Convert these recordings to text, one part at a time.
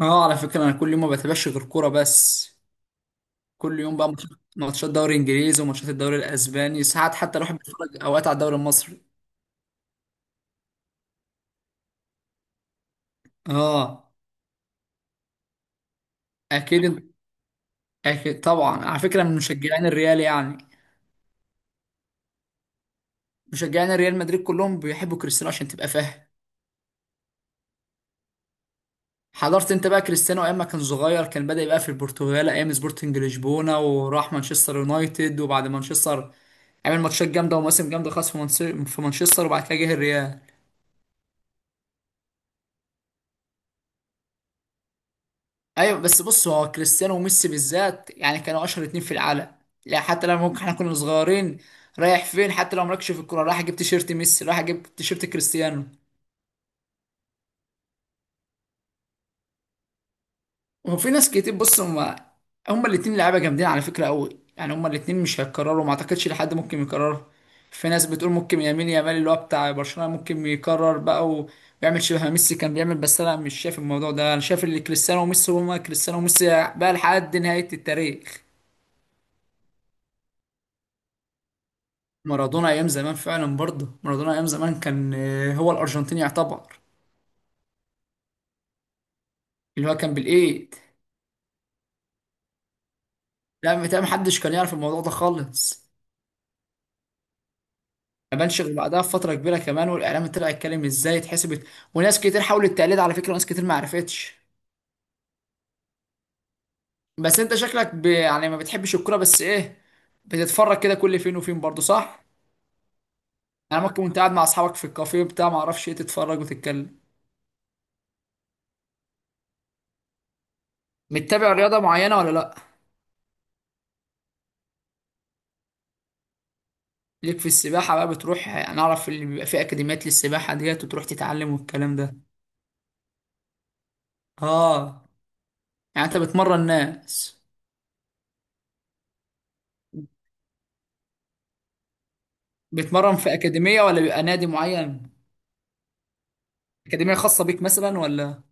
اه، على فكرة انا كل يوم ما بتابعش غير كورة بس. كل يوم بقى ماتشات، ماتشات دوري انجليزي وماتشات الدوري الاسباني، ساعات حتى الواحد بيتفرج اوقات على الدوري المصري. اه، اكيد إن- اكيد طبعا، على فكرة من مشجعين الريال يعني. مشجعين الريال مدريد كلهم بيحبوا كريستيانو عشان تبقى فاهم. حضرت انت بقى كريستيانو ايام ما كان صغير، كان بدأ يبقى في البرتغال ايام سبورتنج لشبونة، وراح مانشستر يونايتد، وبعد مانشستر عمل ماتشات جامدة ومواسم جامدة خاص في مانشستر، وبعد كده جه الريال. ايوه بس بص، هو كريستيانو وميسي بالذات يعني كانوا اشهر اتنين في العالم. لا حتى لما ممكن احنا كنا صغيرين، رايح فين حتى لو مالكش في الكوره، رايح اجيب تيشيرت ميسي، رايح اجيب تيشيرت كريستيانو. وفي ناس كتير. بص، هم هم الاتنين لعيبه جامدين على فكره قوي، يعني هم الاتنين مش هيتكرروا، ما اعتقدش لحد ممكن يكرروا. في ناس بتقول ممكن يمين يامال اللي هو بتاع برشلونه ممكن يكرر بقى ويعمل شبه ما ميسي كان بيعمل، بس انا مش شايف الموضوع ده، انا شايف ان كريستيانو وميسي هما كريستيانو وميسي بقى لحد نهايه التاريخ. مارادونا ايام زمان فعلا، برضه مارادونا ايام زمان كان هو الارجنتيني يعتبر. اللي هو كان بالايد. لا، متهيألي محدش كان يعرف الموضوع ده خالص. ما بانش غير بعدها بفتره كبيره كمان، والاعلام طلع يتكلم ازاي اتحسبت، وناس كتير حاولت التقليد على فكره، وناس كتير ما عرفتش. بس انت شكلك يعني ما بتحبش الكوره، بس ايه، بتتفرج كده كل فين وفين برضه صح؟ يعني ممكن وانت قاعد مع اصحابك في الكافيه بتاع ما اعرفش ايه تتفرج وتتكلم. متابع رياضه معينه ولا لا؟ ليك في السباحة بقى، بتروح أنا أعرف اللي بيبقى فيه أكاديميات للسباحة ديت وتروح تتعلم والكلام ده. آه، يعني أنت بتمرن ناس. بتمرن في أكاديمية ولا بيبقى نادي معين؟ أكاديمية خاصة بيك مثلا ولا؟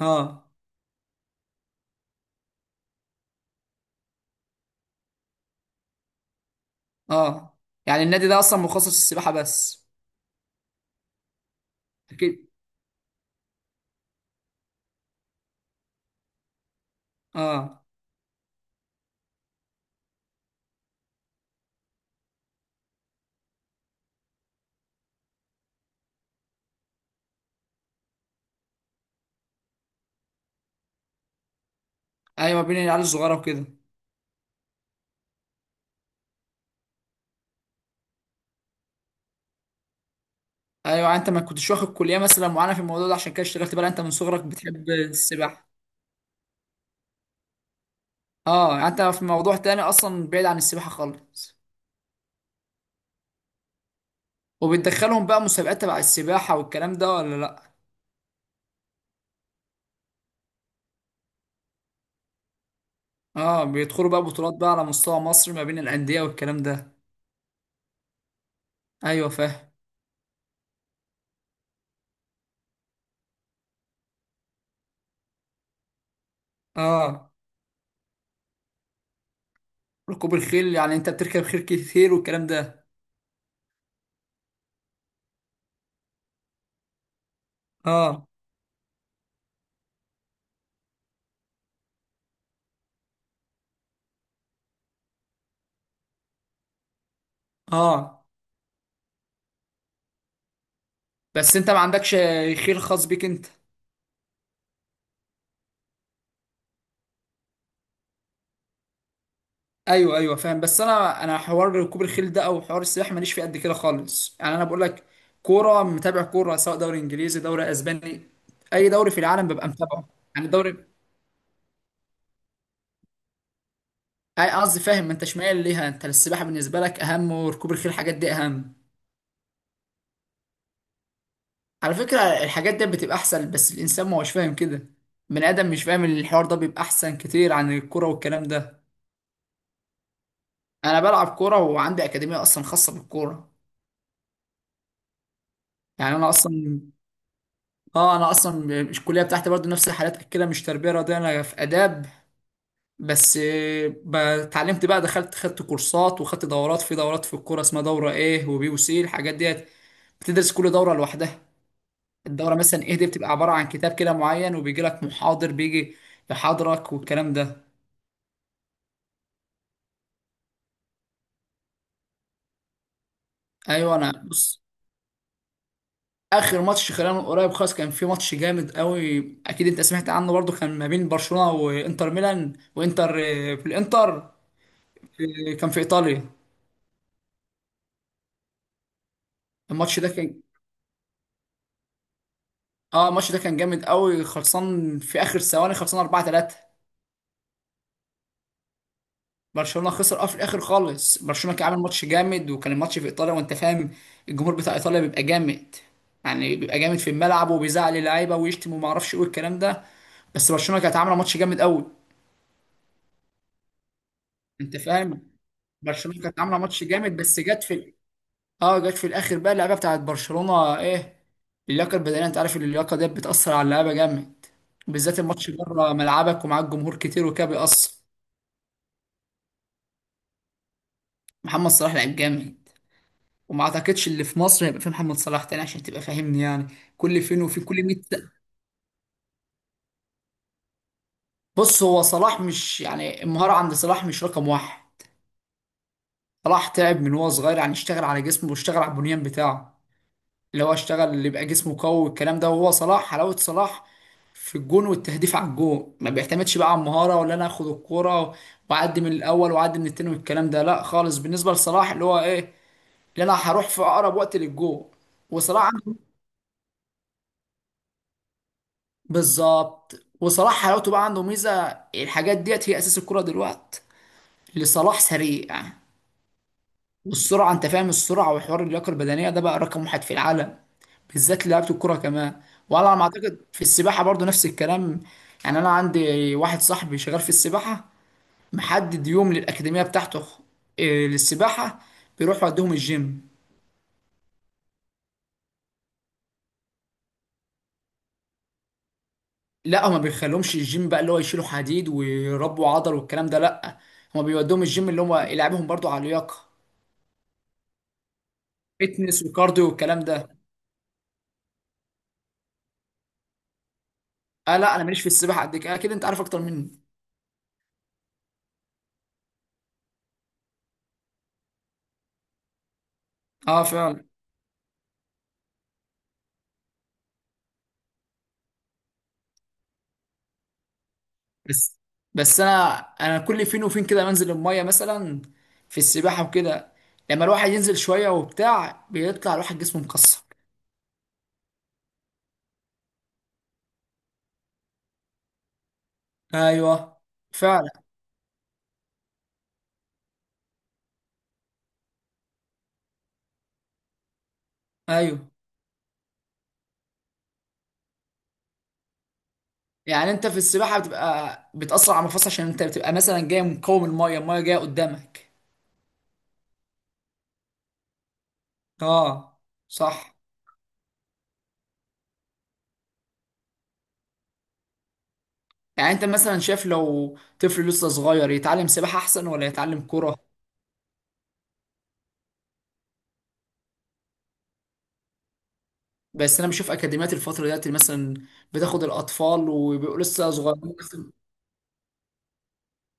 آه. آه، يعني النادي ده أصلا مخصص للسباحة بس؟ أكيد. آه. أيوة، بين العيال الصغيرة وكده. أيوة، يعني أنت ما كنتش واخد كلية مثلا معينة في الموضوع ده عشان كده اشتغلت بقى، أنت من صغرك بتحب السباحة. آه، يعني أنت في موضوع تاني أصلا بعيد عن السباحة خالص. وبتدخلهم بقى مسابقات تبع السباحة والكلام ده ولا لأ؟ اه، بيدخلوا بقى بطولات بقى على مستوى مصر ما بين الأندية والكلام ده. ايوه فاهم. اه. ركوب الخيل يعني انت بتركب خيل كتير والكلام ده. اه. اه، بس انت ما عندكش خيل خاص بيك انت. ايوه ايوه فاهم، بس انا انا حوار ركوب الخيل ده او حوار السباحه ماليش فيه قد كده خالص، يعني انا بقول لك كوره، متابع كوره، سواء دوري انجليزي، دوري اسباني، اي دوري في العالم ببقى متابعه. يعني الدوري، اي قصدي فاهم، انت شمال ليها، انت السباحه بالنسبه لك اهم وركوب الخيل الحاجات دي اهم. على فكره الحاجات دي بتبقى احسن، بس الانسان ما هوش فاهم كده من ادم، مش فاهم ان الحوار ده بيبقى احسن كتير عن الكوره والكلام ده. انا بلعب كوره وعندي اكاديميه اصلا خاصه بالكوره. يعني انا اصلا، اه، انا اصلا الكليه بتاعتي برضو نفس الحالات كده، مش تربيه رياضيه، انا في اداب، بس اتعلمت بقى، دخلت خدت كورسات وخدت دورات، في دورات في الكوره اسمها دوره ايه وبي وسي الحاجات ديت، بتدرس كل دوره لوحدها. الدورة مثلا ايه دي بتبقى عبارة عن كتاب كده معين وبيجي لك محاضر، بيجي يحاضرك والكلام ده. ايوه، انا بص، اخر ماتش خلال من قريب خالص كان في ماتش جامد قوي. اكيد انت سمعت عنه برضو، كان ما بين برشلونة وانتر ميلان، وانتر في الانتر، كان في ايطاليا. الماتش ده كان، اه الماتش ده كان جامد قوي، خلصان في اخر ثواني خلصان 4-3. برشلونه خسر اه، في الاخر خالص. برشلونه كان عامل ماتش جامد، وكان الماتش في ايطاليا وانت فاهم، الجمهور بتاع ايطاليا بيبقى جامد، يعني بيبقى جامد في الملعب، وبيزعل اللعيبه ويشتم وما اعرفش ايه الكلام ده، بس برشلونه كانت عامله ماتش جامد قوي. انت فاهم، برشلونه كانت عامله ماتش جامد بس جت في الاخر بقى اللعيبه بتاعت برشلونه ايه، اللياقه البدنيه، انت عارف اللياقه ديت بتاثر على اللعيبه جامد، بالذات الماتش بره ملعبك ومعاك جمهور كتير وكده بيأثر. محمد صلاح لعيب جامد، وما اعتقدش اللي في مصر هيبقى فيه محمد صلاح تاني، عشان تبقى فاهمني، يعني كل فين وفين، كل 100 سنة. بص، هو صلاح مش يعني المهارة عند صلاح مش رقم واحد. صلاح تعب من هو صغير، يعني اشتغل على جسمه واشتغل على البنيان بتاعه، اللي هو اشتغل اللي يبقى جسمه قوي والكلام ده. وهو صلاح، حلاوة صلاح في الجون والتهديف على الجون، ما بيعتمدش بقى على المهارة ولا انا اخد الكرة واعدي من الاول واعدي من التاني والكلام ده، لا خالص، بالنسبة لصلاح اللي هو ايه، اللي انا هروح في اقرب وقت للجون. وصلاح، بالظبط. وصلاح حلاوته بقى، عنده ميزه، الحاجات ديت هي اساس الكره دلوقتي، اللي صلاح سريع، والسرعه انت فاهم، السرعه وحوار اللياقه البدنيه ده بقى رقم واحد في العالم، بالذات لعيبه الكره كمان. وعلى ما اعتقد في السباحه برضو نفس الكلام، يعني انا عندي واحد صاحبي شغال في السباحه، محدد يوم للاكاديميه بتاعته للسباحه، بيروح يوديهم الجيم. لا، هما بيخليهمش الجيم بقى اللي هو يشيلوا حديد ويربوا عضل والكلام ده، لا، هما بيودوهم الجيم اللي هما يلعبهم برضو على اللياقه، فيتنس وكارديو والكلام ده. اه. لا انا ماليش في السباحه قد كده، اكيد انت عارف اكتر مني. اه فعلا. بس بس انا انا كل فين وفين كده بنزل الميه مثلا في السباحه وكده، لما الواحد ينزل شويه وبتاع بيطلع الواحد جسمه مكسر. ايوه. فعلا. ايوه، يعني انت في السباحه بتبقى بتاثر على المفاصل عشان انت بتبقى مثلا جاي مقاوم الميه، الميه جايه قدامك. اه. صح. يعني انت مثلا شايف لو طفل لسه صغير يتعلم سباحه احسن ولا يتعلم كوره؟ بس انا بشوف اكاديميات الفتره دلوقتي مثلا بتاخد الاطفال وبيبقوا لسه صغيرين مثلا.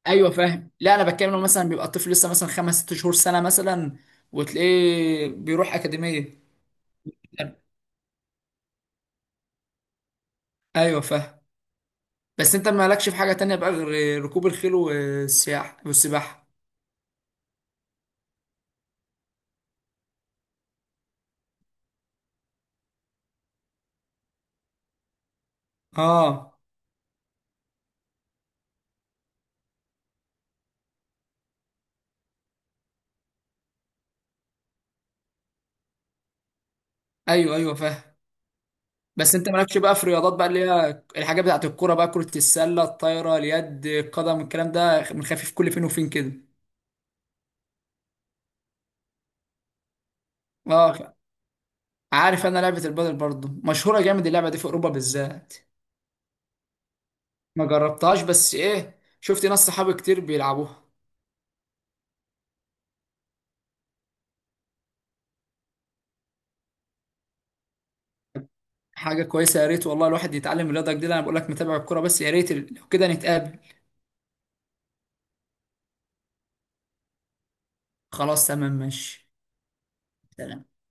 ايوه فاهم، لا انا بتكلم لو مثلا بيبقى الطفل لسه مثلا خمس ست شهور، سنه مثلا، وتلاقيه بيروح اكاديميه. ايوه فاهم. بس انت مالكش في حاجه تانية بقى غير ركوب الخيل والسياحه والسباحه؟ اه. ايوه ايوه فاهم، بس انت مالكش بقى في رياضات بقى اللي هي الحاجات بتاعت الكوره بقى، كره السله، الطايره، اليد، القدم، الكلام ده، بنخفف كل فين وفين كده؟ اه. عارف، انا لعبه البادل برضه مشهوره جامد اللعبه دي في اوروبا بالذات. ما جربتهاش، بس ايه، شفت ناس صحابي كتير بيلعبوها. حاجه كويسه، يا ريت والله الواحد يتعلم الرياضه جديده، انا بقول لك متابع الكوره بس، يا ريت لو كده نتقابل. خلاص تمام، ماشي. سلام.